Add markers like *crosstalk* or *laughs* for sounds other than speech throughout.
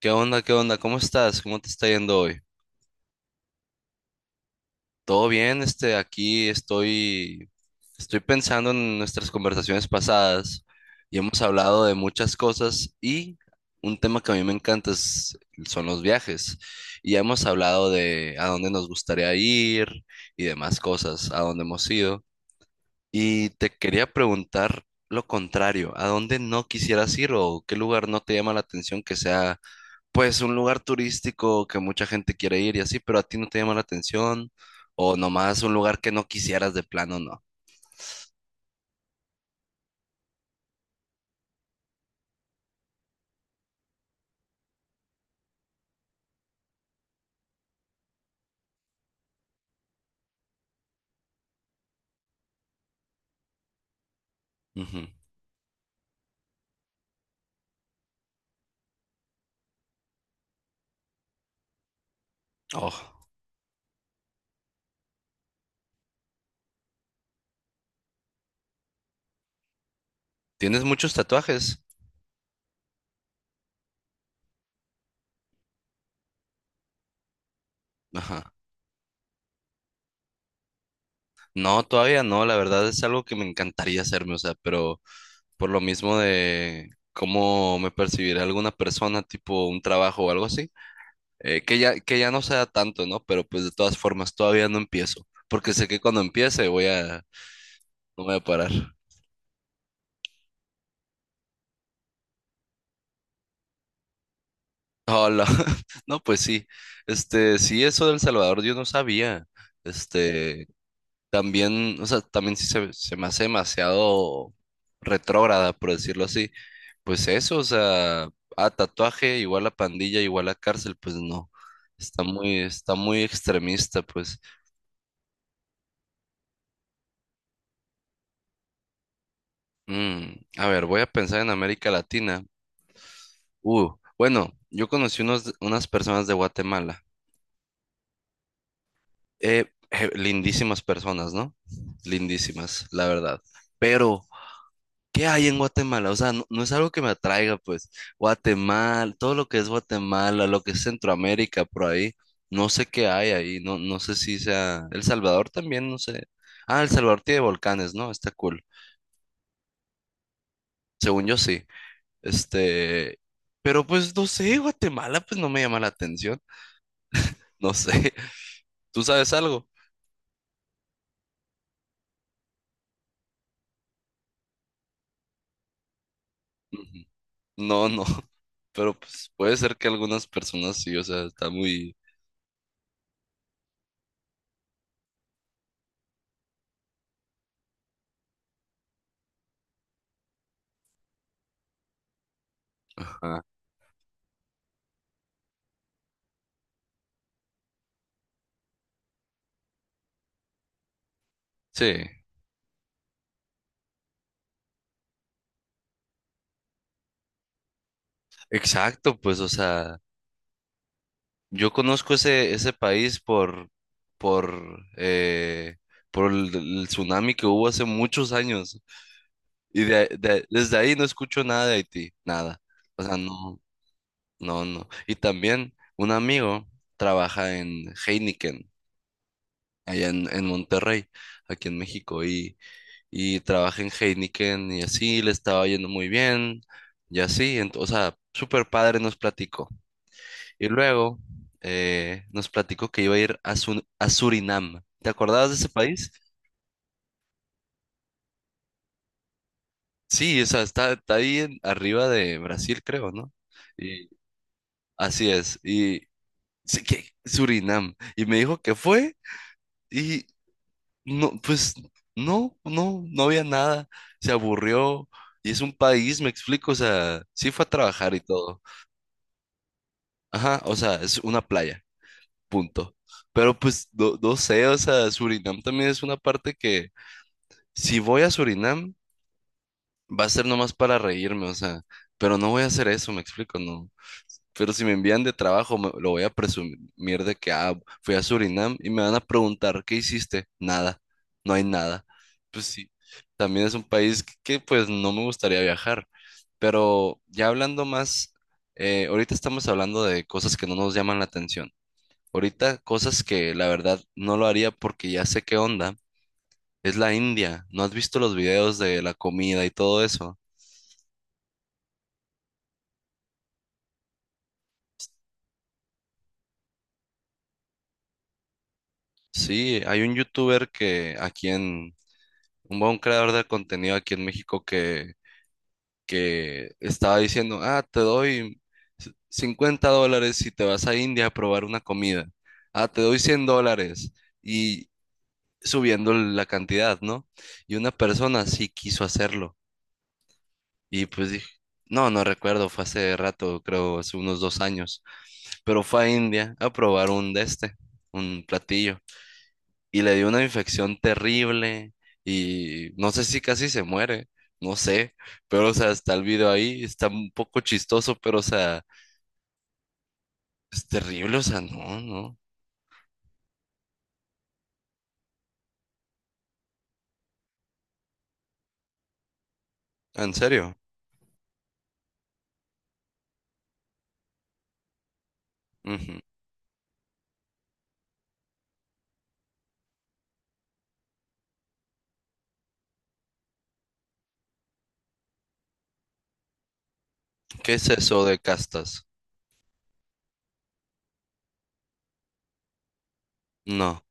¿Qué onda? ¿Qué onda? ¿Cómo estás? ¿Cómo te está yendo hoy? ¿Todo bien? Aquí estoy pensando en nuestras conversaciones pasadas y hemos hablado de muchas cosas, y un tema que a mí me encanta son los viajes. Y ya hemos hablado de a dónde nos gustaría ir y demás cosas, a dónde hemos ido. Y te quería preguntar lo contrario: ¿a dónde no quisieras ir o qué lugar no te llama la atención, que sea pues un lugar turístico que mucha gente quiere ir y así, pero a ti no te llama la atención, o nomás un lugar que no quisieras de plano? No. Ujú. Oh, ¿tienes muchos tatuajes? Ajá. No, todavía no, la verdad es algo que me encantaría hacerme, o sea, pero por lo mismo de cómo me percibirá alguna persona, tipo un trabajo o algo así, que ya no sea tanto, ¿no? Pero pues de todas formas todavía no empiezo, porque sé que cuando empiece voy a, no voy a parar. Hola, *laughs* no, pues sí, sí, eso del Salvador yo no sabía, este, también, o sea, también sí se me hace demasiado retrógrada, por decirlo así, pues eso, o sea, a tatuaje igual a pandilla, igual a cárcel, pues no, está muy extremista, pues. A ver, voy a pensar en América Latina, uh, bueno, yo conocí unas personas de Guatemala. Lindísimas personas, ¿no? Lindísimas, la verdad. Pero ¿qué hay en Guatemala? O sea, no, no es algo que me atraiga, pues. Guatemala, todo lo que es Guatemala, lo que es Centroamérica, por ahí. No sé qué hay ahí, no, no sé si sea... El Salvador también, no sé. Ah, El Salvador tiene volcanes, ¿no? Está cool. Según yo sí. Este... Pero pues no sé, Guatemala pues no me llama la atención. No sé. *laughs* ¿Tú sabes algo? No, no. *laughs* Pero pues puede ser que algunas personas sí, o sea, está muy... Ajá. Sí, exacto, pues, o sea, yo conozco ese país por, eh, por el tsunami que hubo hace muchos años. Y desde ahí no escucho nada de Haití, nada. O sea, no, no, no. Y también un amigo trabaja en Heineken, allá en Monterrey, aquí en México, y trabajé en Heineken y así, le estaba yendo muy bien y así, o sea, súper padre nos platicó. Y luego nos platicó que iba a ir a a Surinam. ¿Te acordabas de ese país? Sí, o sea, está, está ahí arriba de Brasil, creo, ¿no? Y así es, y sí que Surinam. Y me dijo que fue y no, pues no, no, no había nada, se aburrió. Y es un país, me explico, o sea, sí fue a trabajar y todo. Ajá, o sea, es una playa, punto. Pero pues no, no sé, o sea, Surinam también es una parte que si voy a Surinam va a ser nomás para reírme, o sea, pero no voy a hacer eso, me explico, no. Pero si me envían de trabajo, lo voy a presumir de que ah, fui a Surinam y me van a preguntar ¿qué hiciste? Nada, no hay nada. Pues sí, también es un país pues no me gustaría viajar. Pero ya hablando más, ahorita estamos hablando de cosas que no nos llaman la atención. Ahorita cosas que la verdad no lo haría porque ya sé qué onda. Es la India. ¿No has visto los videos de la comida y todo eso? Sí, hay un youtuber que aquí en, un buen creador de contenido aquí en México que estaba diciendo: ah, te doy $50 si te vas a India a probar una comida. Ah, te doy $100 y subiendo la cantidad, ¿no? Y una persona sí quiso hacerlo. Y pues dije, no, no recuerdo, fue hace rato, creo, hace unos 2 años, pero fue a India a probar un platillo, y le dio una infección terrible, y no sé si casi se muere, no sé, pero o sea, está el video ahí, está un poco chistoso, pero o sea, es terrible, o sea, no, no, en serio. Ujú. ¿Qué es eso de castas? No.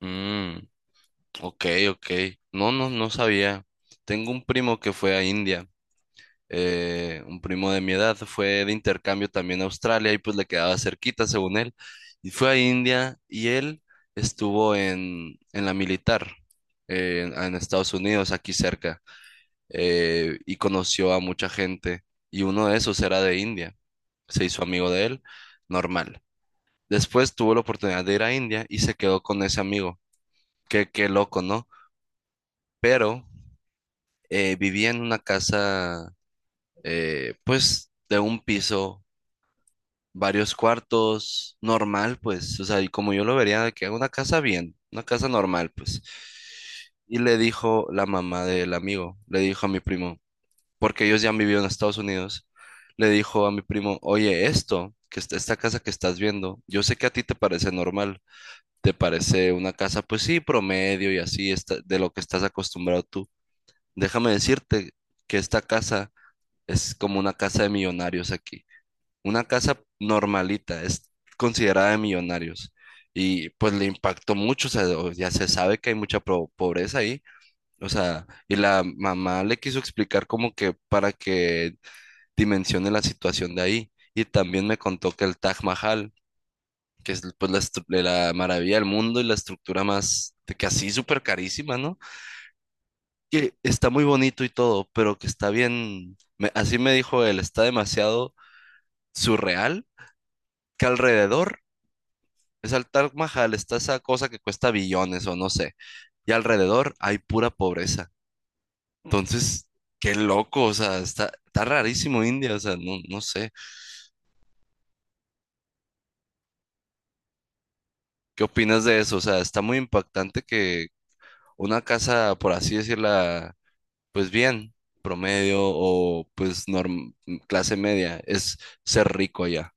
Mm, ok, ok. No, no, no sabía. Tengo un primo que fue a India. Eh, un primo de mi edad fue de intercambio también a Australia y pues le quedaba cerquita, según él, y fue a India. Y él estuvo en la militar, en Estados Unidos, aquí cerca, y conoció a mucha gente y uno de esos era de India, se hizo amigo de él, normal. Después tuvo la oportunidad de ir a India y se quedó con ese amigo, qué, qué loco, ¿no? Pero vivía en una casa, pues, de un piso, varios cuartos, normal, pues, o sea, y como yo lo vería, que haga una casa bien, una casa normal, pues. Y le dijo la mamá del amigo, le dijo a mi primo, porque ellos ya han vivido en Estados Unidos, le dijo a mi primo: oye, esto, que esta casa que estás viendo, yo sé que a ti te parece normal, te parece una casa pues sí, promedio y así, está, de lo que estás acostumbrado tú. Déjame decirte que esta casa es como una casa de millonarios aquí. Una casa normalita es considerada de millonarios. Y pues le impactó mucho, o sea, ya se sabe que hay mucha pobreza ahí. O sea, y la mamá le quiso explicar como que para que dimensione la situación de ahí. Y también me contó que el Taj Mahal, que es pues de la maravilla del mundo y la estructura más, de que así súper carísima, ¿no? Que está muy bonito y todo, pero que está bien, así me dijo él, está demasiado surreal que alrededor... Es al Taj Mahal, está esa cosa que cuesta billones o no sé. Y alrededor hay pura pobreza. Entonces, qué loco, o sea, está rarísimo India, o sea, no, no sé. ¿Qué opinas de eso? O sea, está muy impactante que una casa, por así decirla, pues bien, promedio o pues clase media, es ser rico allá.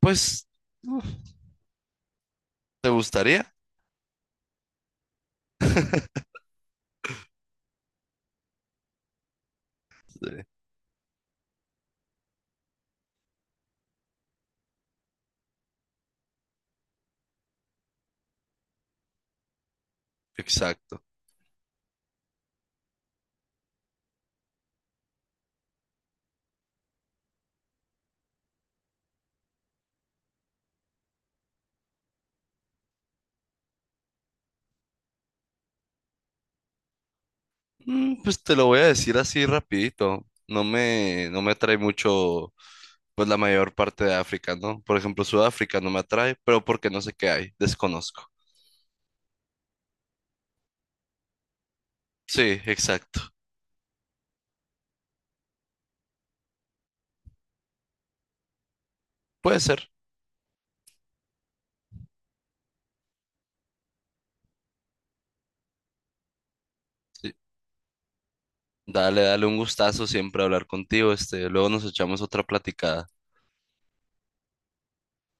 Pues, uf, ¿te gustaría? *laughs* Sí, exacto. Pues te lo voy a decir así rapidito. No me atrae mucho, pues la mayor parte de África, ¿no? Por ejemplo, Sudáfrica no me atrae, pero porque no sé qué hay, desconozco. Sí, exacto. Puede ser. Sí. Dale, dale un gustazo siempre hablar contigo, luego nos echamos otra platicada.